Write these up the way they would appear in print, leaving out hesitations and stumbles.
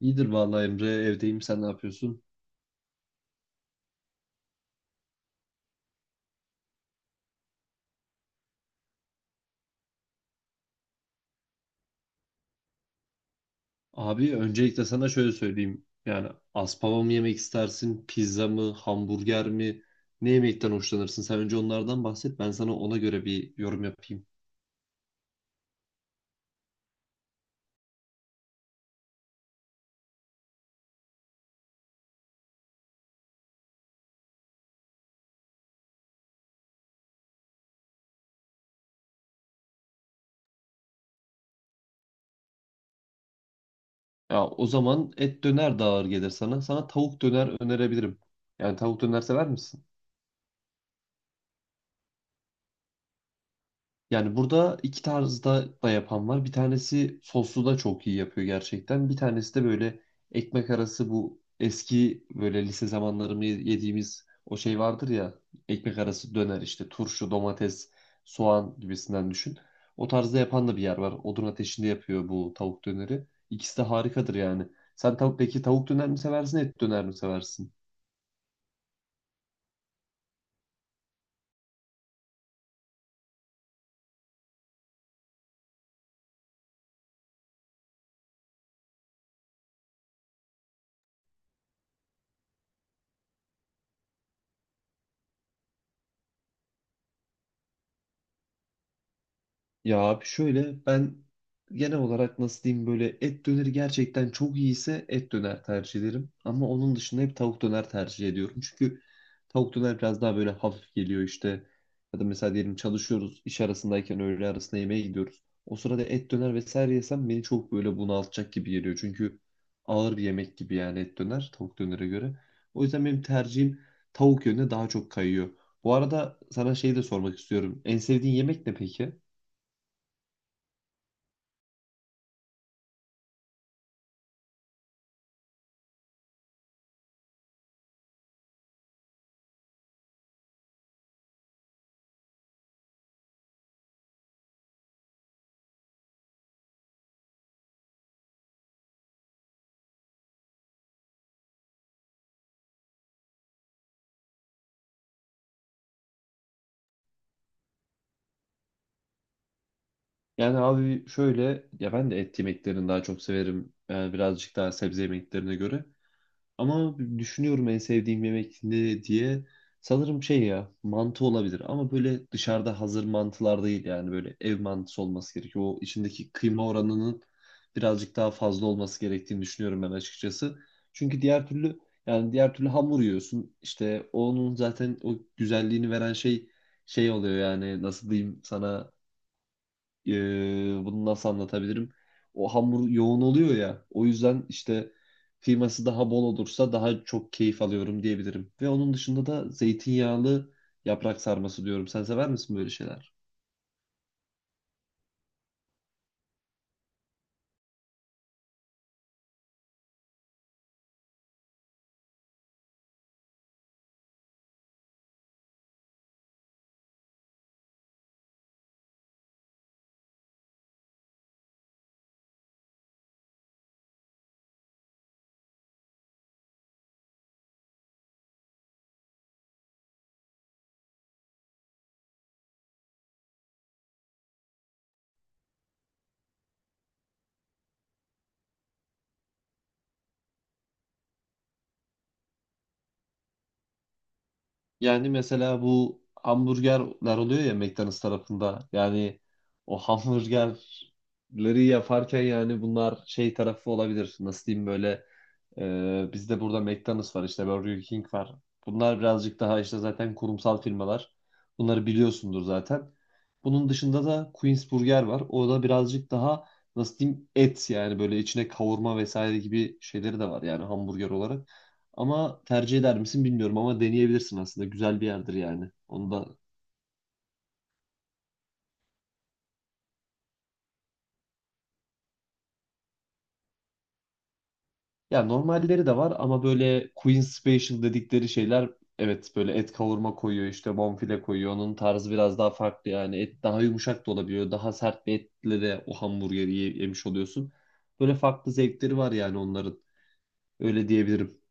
İyidir vallahi Emre, evdeyim, sen ne yapıyorsun? Abi öncelikle sana şöyle söyleyeyim. Yani aspava mı yemek istersin? Pizza mı? Hamburger mi? Ne yemekten hoşlanırsın? Sen önce onlardan bahset. Ben sana ona göre bir yorum yapayım. Ya o zaman et döner de ağır gelir sana. Sana tavuk döner önerebilirim. Yani tavuk döner sever misin? Yani burada iki tarzda da yapan var. Bir tanesi soslu da çok iyi yapıyor gerçekten. Bir tanesi de böyle ekmek arası, bu eski böyle lise zamanlarımı yediğimiz o şey vardır ya. Ekmek arası döner işte, turşu, domates, soğan gibisinden düşün. O tarzda yapan da bir yer var. Odun ateşinde yapıyor bu tavuk döneri. İkisi de harikadır yani. Sen tavuk Peki tavuk döner mi seversin, et döner mi seversin? Ya abi şöyle, ben genel olarak nasıl diyeyim, böyle et döneri gerçekten çok iyiyse et döner tercih ederim. Ama onun dışında hep tavuk döner tercih ediyorum. Çünkü tavuk döner biraz daha böyle hafif geliyor işte. Ya da mesela diyelim çalışıyoruz, iş arasındayken öğle arasında yemeğe gidiyoruz. O sırada et döner vesaire yesem beni çok böyle bunaltacak gibi geliyor. Çünkü ağır bir yemek gibi yani et döner tavuk dönere göre. O yüzden benim tercihim tavuk yönüne daha çok kayıyor. Bu arada sana şey de sormak istiyorum. En sevdiğin yemek ne peki? Yani abi şöyle, ya ben de et yemeklerini daha çok severim. Yani birazcık daha sebze yemeklerine göre. Ama düşünüyorum en sevdiğim yemek ne diye. Sanırım şey ya, mantı olabilir ama böyle dışarıda hazır mantılar değil, yani böyle ev mantısı olması gerekiyor. O içindeki kıyma oranının birazcık daha fazla olması gerektiğini düşünüyorum ben açıkçası. Çünkü diğer türlü, yani diğer türlü hamur yiyorsun. İşte onun zaten o güzelliğini veren şey oluyor yani. Nasıl diyeyim sana, bunu nasıl anlatabilirim? O hamur yoğun oluyor ya. O yüzden işte kıyması daha bol olursa daha çok keyif alıyorum diyebilirim. Ve onun dışında da zeytinyağlı yaprak sarması diyorum. Sen sever misin böyle şeyler? Yani mesela bu hamburgerler oluyor ya, McDonald's tarafında. Yani o hamburgerleri yaparken yani bunlar şey tarafı olabilir. Nasıl diyeyim böyle. Bizde burada McDonald's var, işte Burger King var. Bunlar birazcık daha işte zaten kurumsal firmalar. Bunları biliyorsundur zaten. Bunun dışında da Queen's Burger var. O da birazcık daha, nasıl diyeyim, et yani böyle içine kavurma vesaire gibi şeyleri de var yani hamburger olarak. Ama tercih eder misin bilmiyorum ama deneyebilirsin aslında. Güzel bir yerdir yani. Onu da... Ya normalleri de var ama böyle Queen Special dedikleri şeyler, evet böyle et kavurma koyuyor, işte bonfile koyuyor. Onun tarzı biraz daha farklı yani, et daha yumuşak da olabiliyor. Daha sert bir etle de o hamburgeri yemiş oluyorsun. Böyle farklı zevkleri var yani onların, öyle diyebilirim.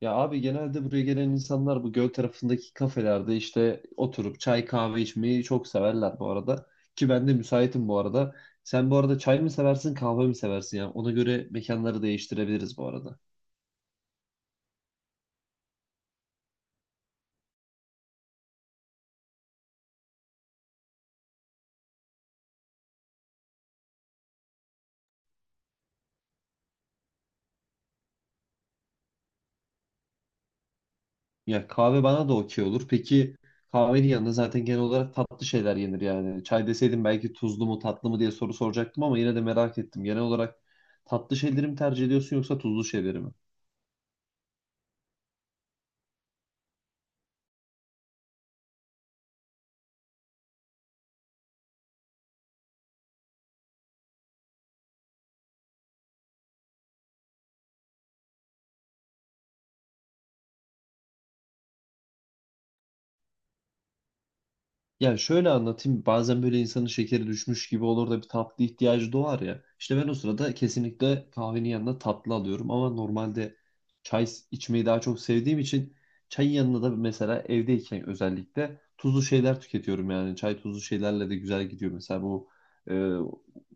Ya abi genelde buraya gelen insanlar bu göl tarafındaki kafelerde işte oturup çay kahve içmeyi çok severler bu arada. Ki ben de müsaitim bu arada. Sen bu arada çay mı seversin, kahve mi seversin ya? Ona göre mekanları değiştirebiliriz bu arada. Ya, kahve bana da okey olur. Peki, kahvenin yanında zaten genel olarak tatlı şeyler yenir yani. Çay deseydim belki tuzlu mu tatlı mı diye soru soracaktım ama yine de merak ettim. Genel olarak tatlı şeyleri mi tercih ediyorsun yoksa tuzlu şeyleri mi? Ya şöyle anlatayım. Bazen böyle insanın şekeri düşmüş gibi olur da bir tatlı ihtiyacı doğar ya. İşte ben o sırada kesinlikle kahvenin yanına tatlı alıyorum. Ama normalde çay içmeyi daha çok sevdiğim için çayın yanına da mesela evdeyken özellikle tuzlu şeyler tüketiyorum yani. Çay tuzlu şeylerle de güzel gidiyor. Mesela bu e,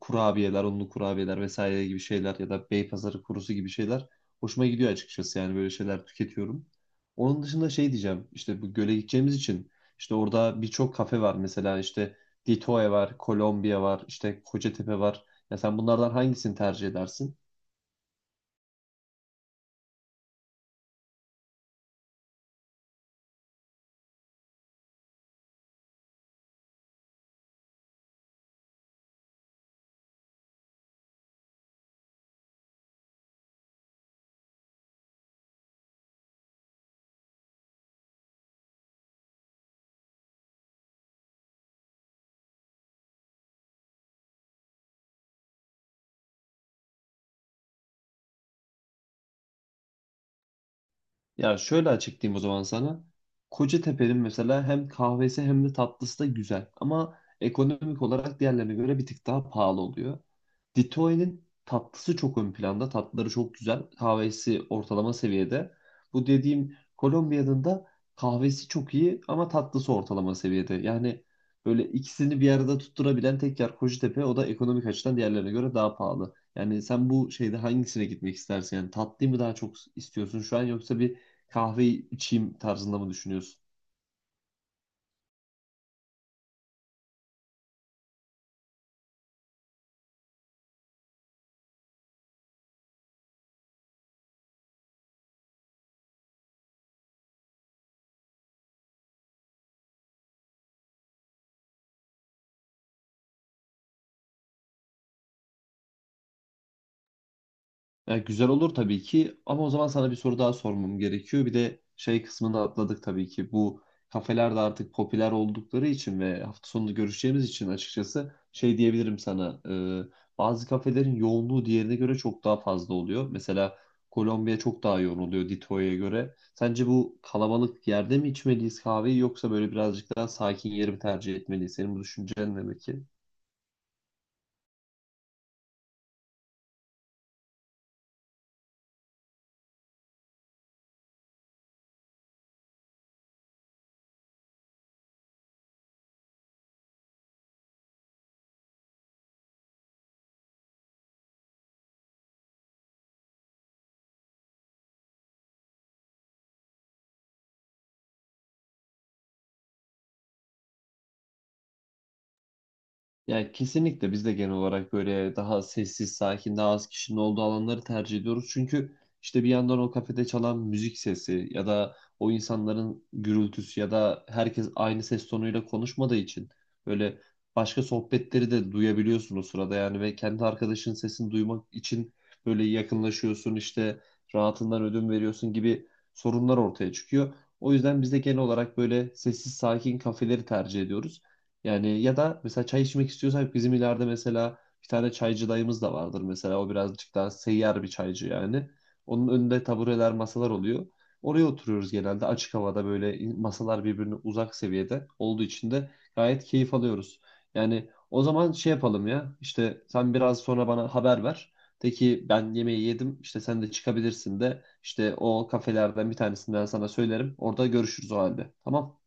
kurabiyeler, unlu kurabiyeler vesaire gibi şeyler ya da Beypazarı kurusu gibi şeyler hoşuma gidiyor açıkçası. Yani böyle şeyler tüketiyorum. Onun dışında şey diyeceğim. İşte bu göle gideceğimiz için işte orada birçok kafe var, mesela işte Ditoe var, Kolombiya var, işte Kocatepe var. Ya sen bunlardan hangisini tercih edersin? Ya şöyle açıklayayım o zaman sana. Kocatepe'nin mesela hem kahvesi hem de tatlısı da güzel. Ama ekonomik olarak diğerlerine göre bir tık daha pahalı oluyor. Ditoy'nin tatlısı çok ön planda. Tatlıları çok güzel. Kahvesi ortalama seviyede. Bu dediğim Kolombiya'nın da kahvesi çok iyi ama tatlısı ortalama seviyede. Yani böyle ikisini bir arada tutturabilen tek yer Kocatepe. O da ekonomik açıdan diğerlerine göre daha pahalı. Yani sen bu şeyde hangisine gitmek istersin? Yani tatlıyı mı daha çok istiyorsun şu an, yoksa bir kahve içeyim tarzında mı düşünüyorsun? Ya güzel olur tabii ki, ama o zaman sana bir soru daha sormam gerekiyor. Bir de şey kısmını da atladık tabii ki. Bu kafeler de artık popüler oldukları için ve hafta sonunu görüşeceğimiz için açıkçası şey diyebilirim sana. e, Bazı kafelerin yoğunluğu diğerine göre çok daha fazla oluyor. Mesela Kolombiya çok daha yoğun oluyor Dito'ya göre. Sence bu kalabalık yerde mi içmeliyiz kahveyi, yoksa böyle birazcık daha sakin yeri mi tercih etmeliyiz? Senin bu düşüncen ne peki? Yani kesinlikle biz de genel olarak böyle daha sessiz, sakin, daha az kişinin olduğu alanları tercih ediyoruz. Çünkü işte bir yandan o kafede çalan müzik sesi ya da o insanların gürültüsü ya da herkes aynı ses tonuyla konuşmadığı için böyle başka sohbetleri de duyabiliyorsun o sırada yani, ve kendi arkadaşının sesini duymak için böyle yakınlaşıyorsun, işte rahatından ödün veriyorsun gibi sorunlar ortaya çıkıyor. O yüzden biz de genel olarak böyle sessiz, sakin kafeleri tercih ediyoruz. Yani ya da mesela çay içmek istiyorsak bizim ileride mesela bir tane çaycı dayımız da vardır, mesela o birazcık daha seyyar bir çaycı yani. Onun önünde tabureler, masalar oluyor. Oraya oturuyoruz genelde açık havada, böyle masalar birbirine uzak seviyede olduğu için de gayet keyif alıyoruz. Yani o zaman şey yapalım ya, işte sen biraz sonra bana haber ver. De ki ben yemeği yedim, işte sen de çıkabilirsin, de işte o kafelerden bir tanesinden sana söylerim. Orada görüşürüz o halde. Tamam.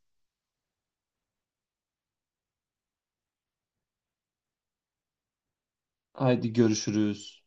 Haydi görüşürüz.